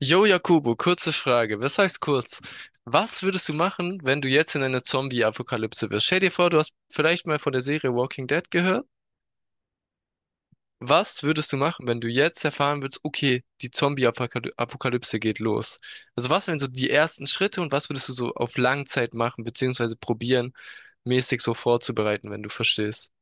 Jo, Jakobo, kurze Frage. Was heißt kurz? Was würdest du machen, wenn du jetzt in einer Zombie-Apokalypse wärst? Stell dir vor, du hast vielleicht mal von der Serie Walking Dead gehört. Was würdest du machen, wenn du jetzt erfahren würdest, okay, die Zombie-Apokalypse geht los? Also was wären so die ersten Schritte und was würdest du so auf Langzeit machen, beziehungsweise probieren, mäßig so vorzubereiten, wenn du verstehst?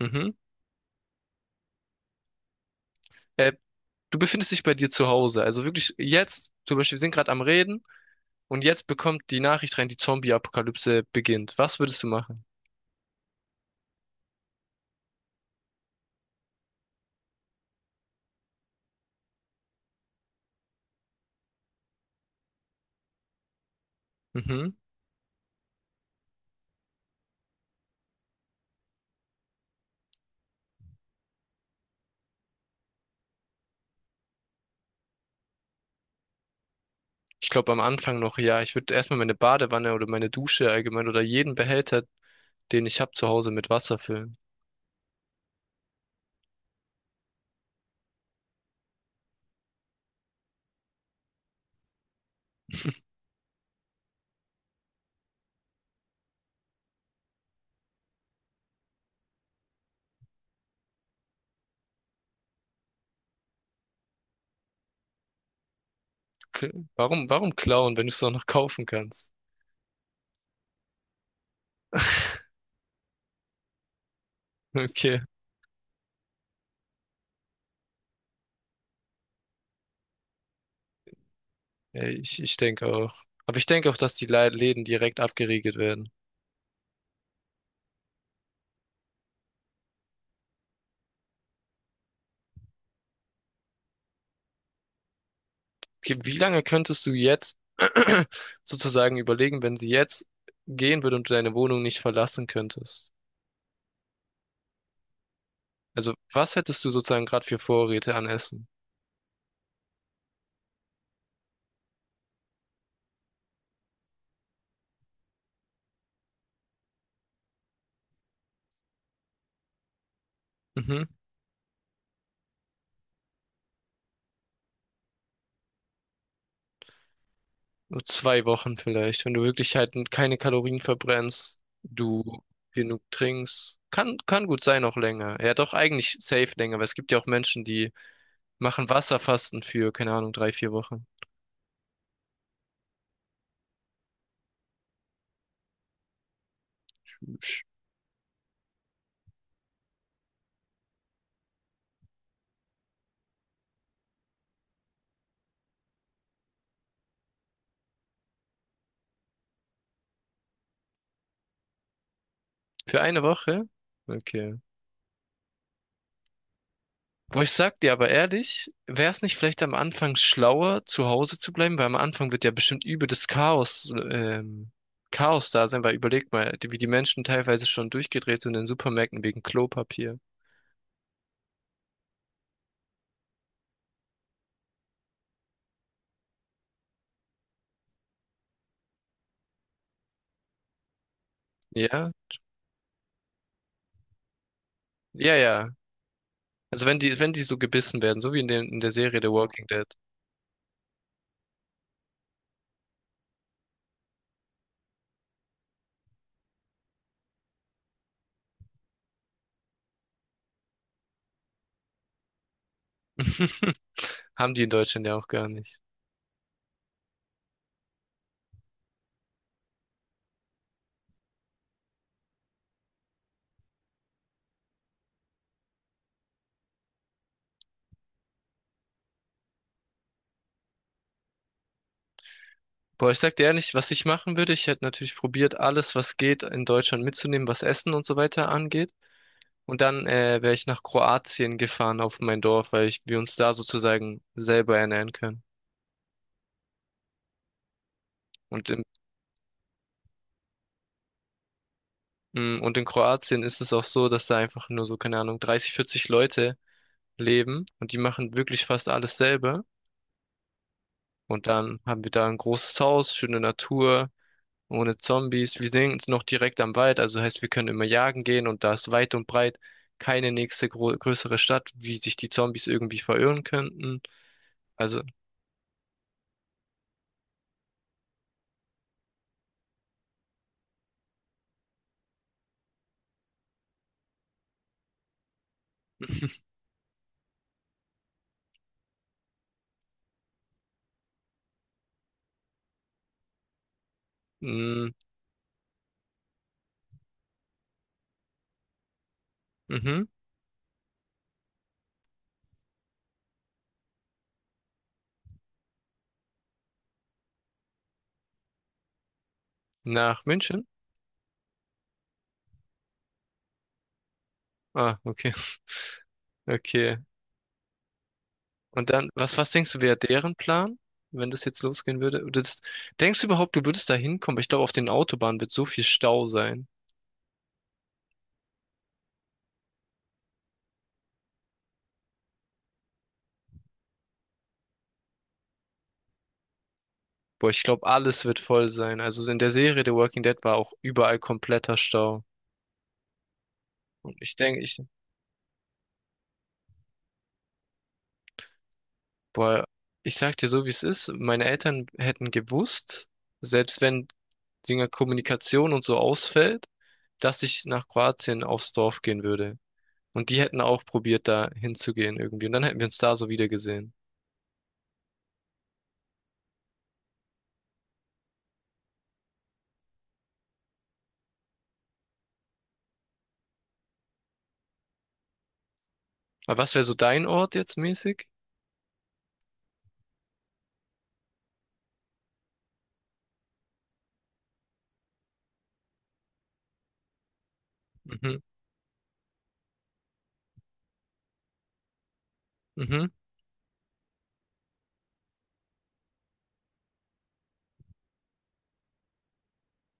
Mhm. Äh, Du befindest dich bei dir zu Hause. Also wirklich jetzt, zum Beispiel, wir sind gerade am Reden. Und jetzt bekommt die Nachricht rein, die Zombie-Apokalypse beginnt. Was würdest du machen? Mhm. Ich glaube am Anfang noch, ja. Ich würde erstmal meine Badewanne oder meine Dusche allgemein oder jeden Behälter, den ich habe zu Hause mit Wasser füllen. Warum klauen, wenn du es auch noch kaufen kannst? Okay. Ja, ich denke auch. Aber ich denke auch, dass die Läden direkt abgeriegelt werden. Okay, wie lange könntest du jetzt sozusagen überlegen, wenn sie jetzt gehen würde und du deine Wohnung nicht verlassen könntest? Also, was hättest du sozusagen gerade für Vorräte an Essen? Mhm. Nur 2 Wochen vielleicht, wenn du wirklich halt keine Kalorien verbrennst, du genug trinkst. Kann gut sein, auch länger. Ja, doch eigentlich safe länger, weil es gibt ja auch Menschen, die machen Wasserfasten für, keine Ahnung, 3, 4 Wochen. Für eine Woche? Okay. Boah, ich sag dir aber ehrlich, wäre es nicht vielleicht am Anfang schlauer, zu Hause zu bleiben? Weil am Anfang wird ja bestimmt übel das Chaos, Chaos da sein, weil überleg mal, wie die Menschen teilweise schon durchgedreht sind in Supermärkten wegen Klopapier. Ja? Ja, ja. Also wenn die, wenn die so gebissen werden, so wie in der Serie The Walking Dead, haben die in Deutschland ja auch gar nicht. Boah, ich sag dir ehrlich, was ich machen würde, ich hätte natürlich probiert, alles, was geht, in Deutschland mitzunehmen, was Essen und so weiter angeht. Und dann wäre ich nach Kroatien gefahren auf mein Dorf, weil ich, wir uns da sozusagen selber ernähren können. Und in, und in Kroatien ist es auch so, dass da einfach nur so, keine Ahnung, 30, 40 Leute leben und die machen wirklich fast alles selber. Und dann haben wir da ein großes Haus, schöne Natur, ohne Zombies. Wir sind noch direkt am Wald, also heißt, wir können immer jagen gehen und da ist weit und breit keine nächste gro größere Stadt, wie sich die Zombies irgendwie verirren könnten. Also, mm, mhm. Nach München. Ah, okay. Okay. Und dann, was denkst du, wäre deren Plan, wenn das jetzt losgehen würde? Oder das, denkst du überhaupt, du würdest da hinkommen? Aber ich glaube, auf den Autobahnen wird so viel Stau sein. Boah, ich glaube, alles wird voll sein. Also in der Serie The Walking Dead war auch überall kompletter Stau. Und ich denke, ich, boah, ich sag dir so, wie es ist. Meine Eltern hätten gewusst, selbst wenn Dinger Kommunikation und so ausfällt, dass ich nach Kroatien aufs Dorf gehen würde. Und die hätten auch probiert, da hinzugehen irgendwie. Und dann hätten wir uns da so wieder gesehen. Aber was wäre so dein Ort jetzt mäßig? Mhm, mhm.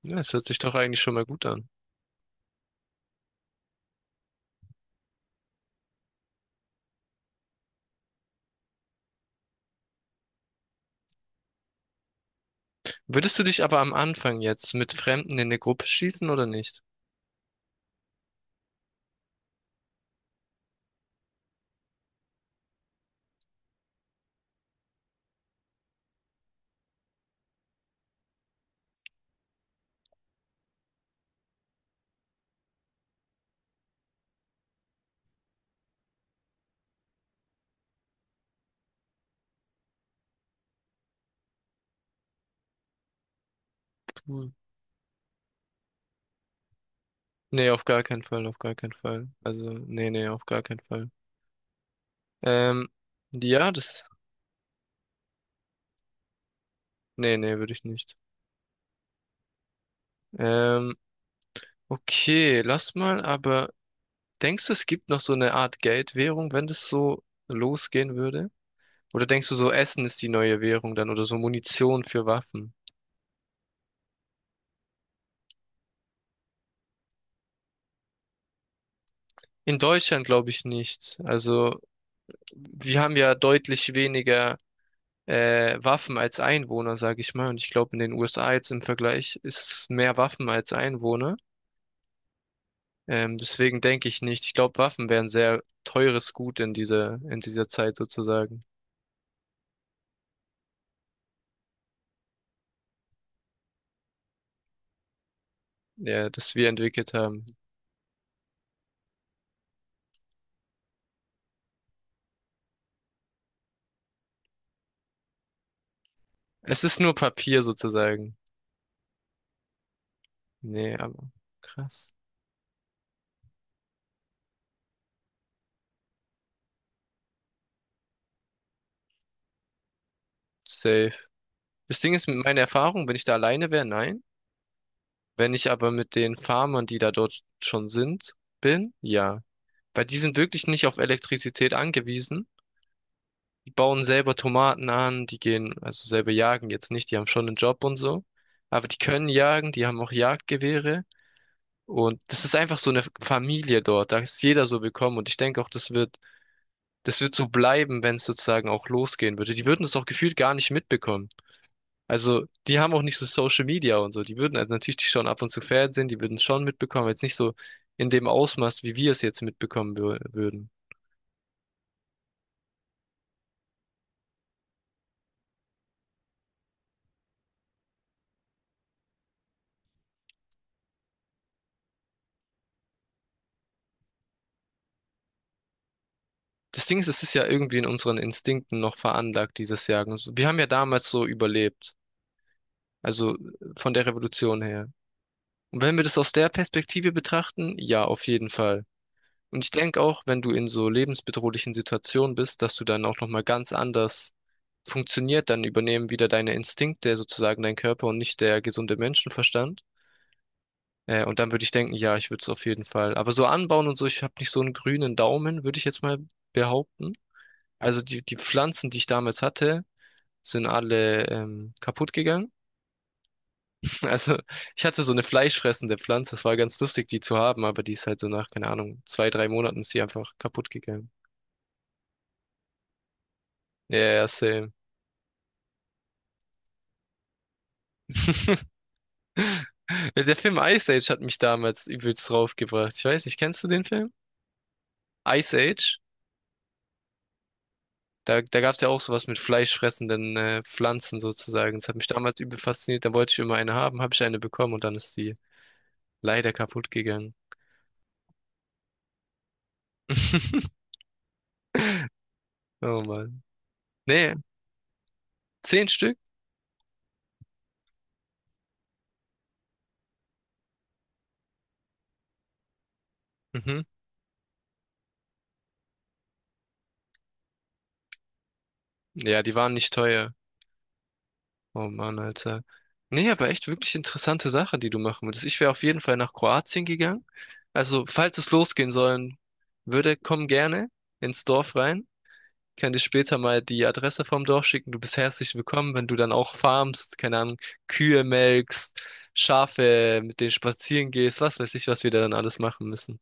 Ja, es hört sich doch eigentlich schon mal gut an. Würdest du dich aber am Anfang jetzt mit Fremden in eine Gruppe schließen oder nicht? Puh. Nee, auf gar keinen Fall, auf gar keinen Fall. Also, nee, nee, auf gar keinen Fall. Ähm, ja, das, nee, nee, würde ich nicht. Ähm, okay, lass mal, aber denkst du, es gibt noch so eine Art Geldwährung, wenn das so losgehen würde? Oder denkst du so, Essen ist die neue Währung dann oder so Munition für Waffen? In Deutschland glaube ich nicht. Also wir haben ja deutlich weniger Waffen als Einwohner, sage ich mal. Und ich glaube, in den USA jetzt im Vergleich ist es mehr Waffen als Einwohner. Deswegen denke ich nicht. Ich glaube, Waffen wären sehr teures Gut in in dieser Zeit sozusagen, ja, das wir entwickelt haben. Es ist nur Papier sozusagen. Nee, aber krass. Safe. Das Ding ist, mit meiner Erfahrung, wenn ich da alleine wäre, nein. Wenn ich aber mit den Farmern, die da dort schon sind, bin, ja. Weil die sind wirklich nicht auf Elektrizität angewiesen. Die bauen selber Tomaten an, die gehen, also selber jagen jetzt nicht, die haben schon einen Job und so. Aber die können jagen, die haben auch Jagdgewehre. Und das ist einfach so eine Familie dort. Da ist jeder so willkommen. Und ich denke auch, das wird so bleiben, wenn es sozusagen auch losgehen würde. Die würden es auch gefühlt gar nicht mitbekommen. Also, die haben auch nicht so Social Media und so. Die würden, also natürlich, die schauen ab und zu Fernsehen, die würden es schon mitbekommen, jetzt nicht so in dem Ausmaß, wie wir es jetzt mitbekommen würden. Das Ding ist, es ist ja irgendwie in unseren Instinkten noch veranlagt, dieses Jagen. So, wir haben ja damals so überlebt. Also von der Revolution her. Und wenn wir das aus der Perspektive betrachten, ja, auf jeden Fall. Und ich denke auch, wenn du in so lebensbedrohlichen Situationen bist, dass du dann auch nochmal ganz anders funktioniert, dann übernehmen wieder deine Instinkte sozusagen dein Körper und nicht der gesunde Menschenverstand. Und dann würde ich denken, ja, ich würde es auf jeden Fall. Aber so anbauen und so, ich habe nicht so einen grünen Daumen, würde ich jetzt mal behaupten. Also die Pflanzen, die ich damals hatte, sind alle kaputt gegangen. Also ich hatte so eine fleischfressende Pflanze, es war ganz lustig, die zu haben, aber die ist halt so nach, keine Ahnung, 2, 3 Monaten ist sie einfach kaputt gegangen. Ja, yeah, der Film Ice Age hat mich damals übelst draufgebracht. Ich weiß nicht, kennst du den Film? Ice Age? Da, da gab es ja auch sowas mit fleischfressenden Pflanzen sozusagen. Das hat mich damals übel fasziniert. Da wollte ich immer eine haben, habe ich eine bekommen und dann ist die leider kaputt gegangen. Oh Mann. Nee, 10 Stück? Mhm. Ja, die waren nicht teuer. Oh Mann, Alter. Nee, aber echt wirklich interessante Sache, die du machen würdest. Ich wäre auf jeden Fall nach Kroatien gegangen. Also, falls es losgehen sollen würde, komm gerne ins Dorf rein. Ich kann dir später mal die Adresse vom Dorf schicken. Du bist herzlich willkommen, wenn du dann auch farmst, keine Ahnung, Kühe melkst, Schafe, mit denen spazieren gehst, was weiß ich, was wir da dann alles machen müssen.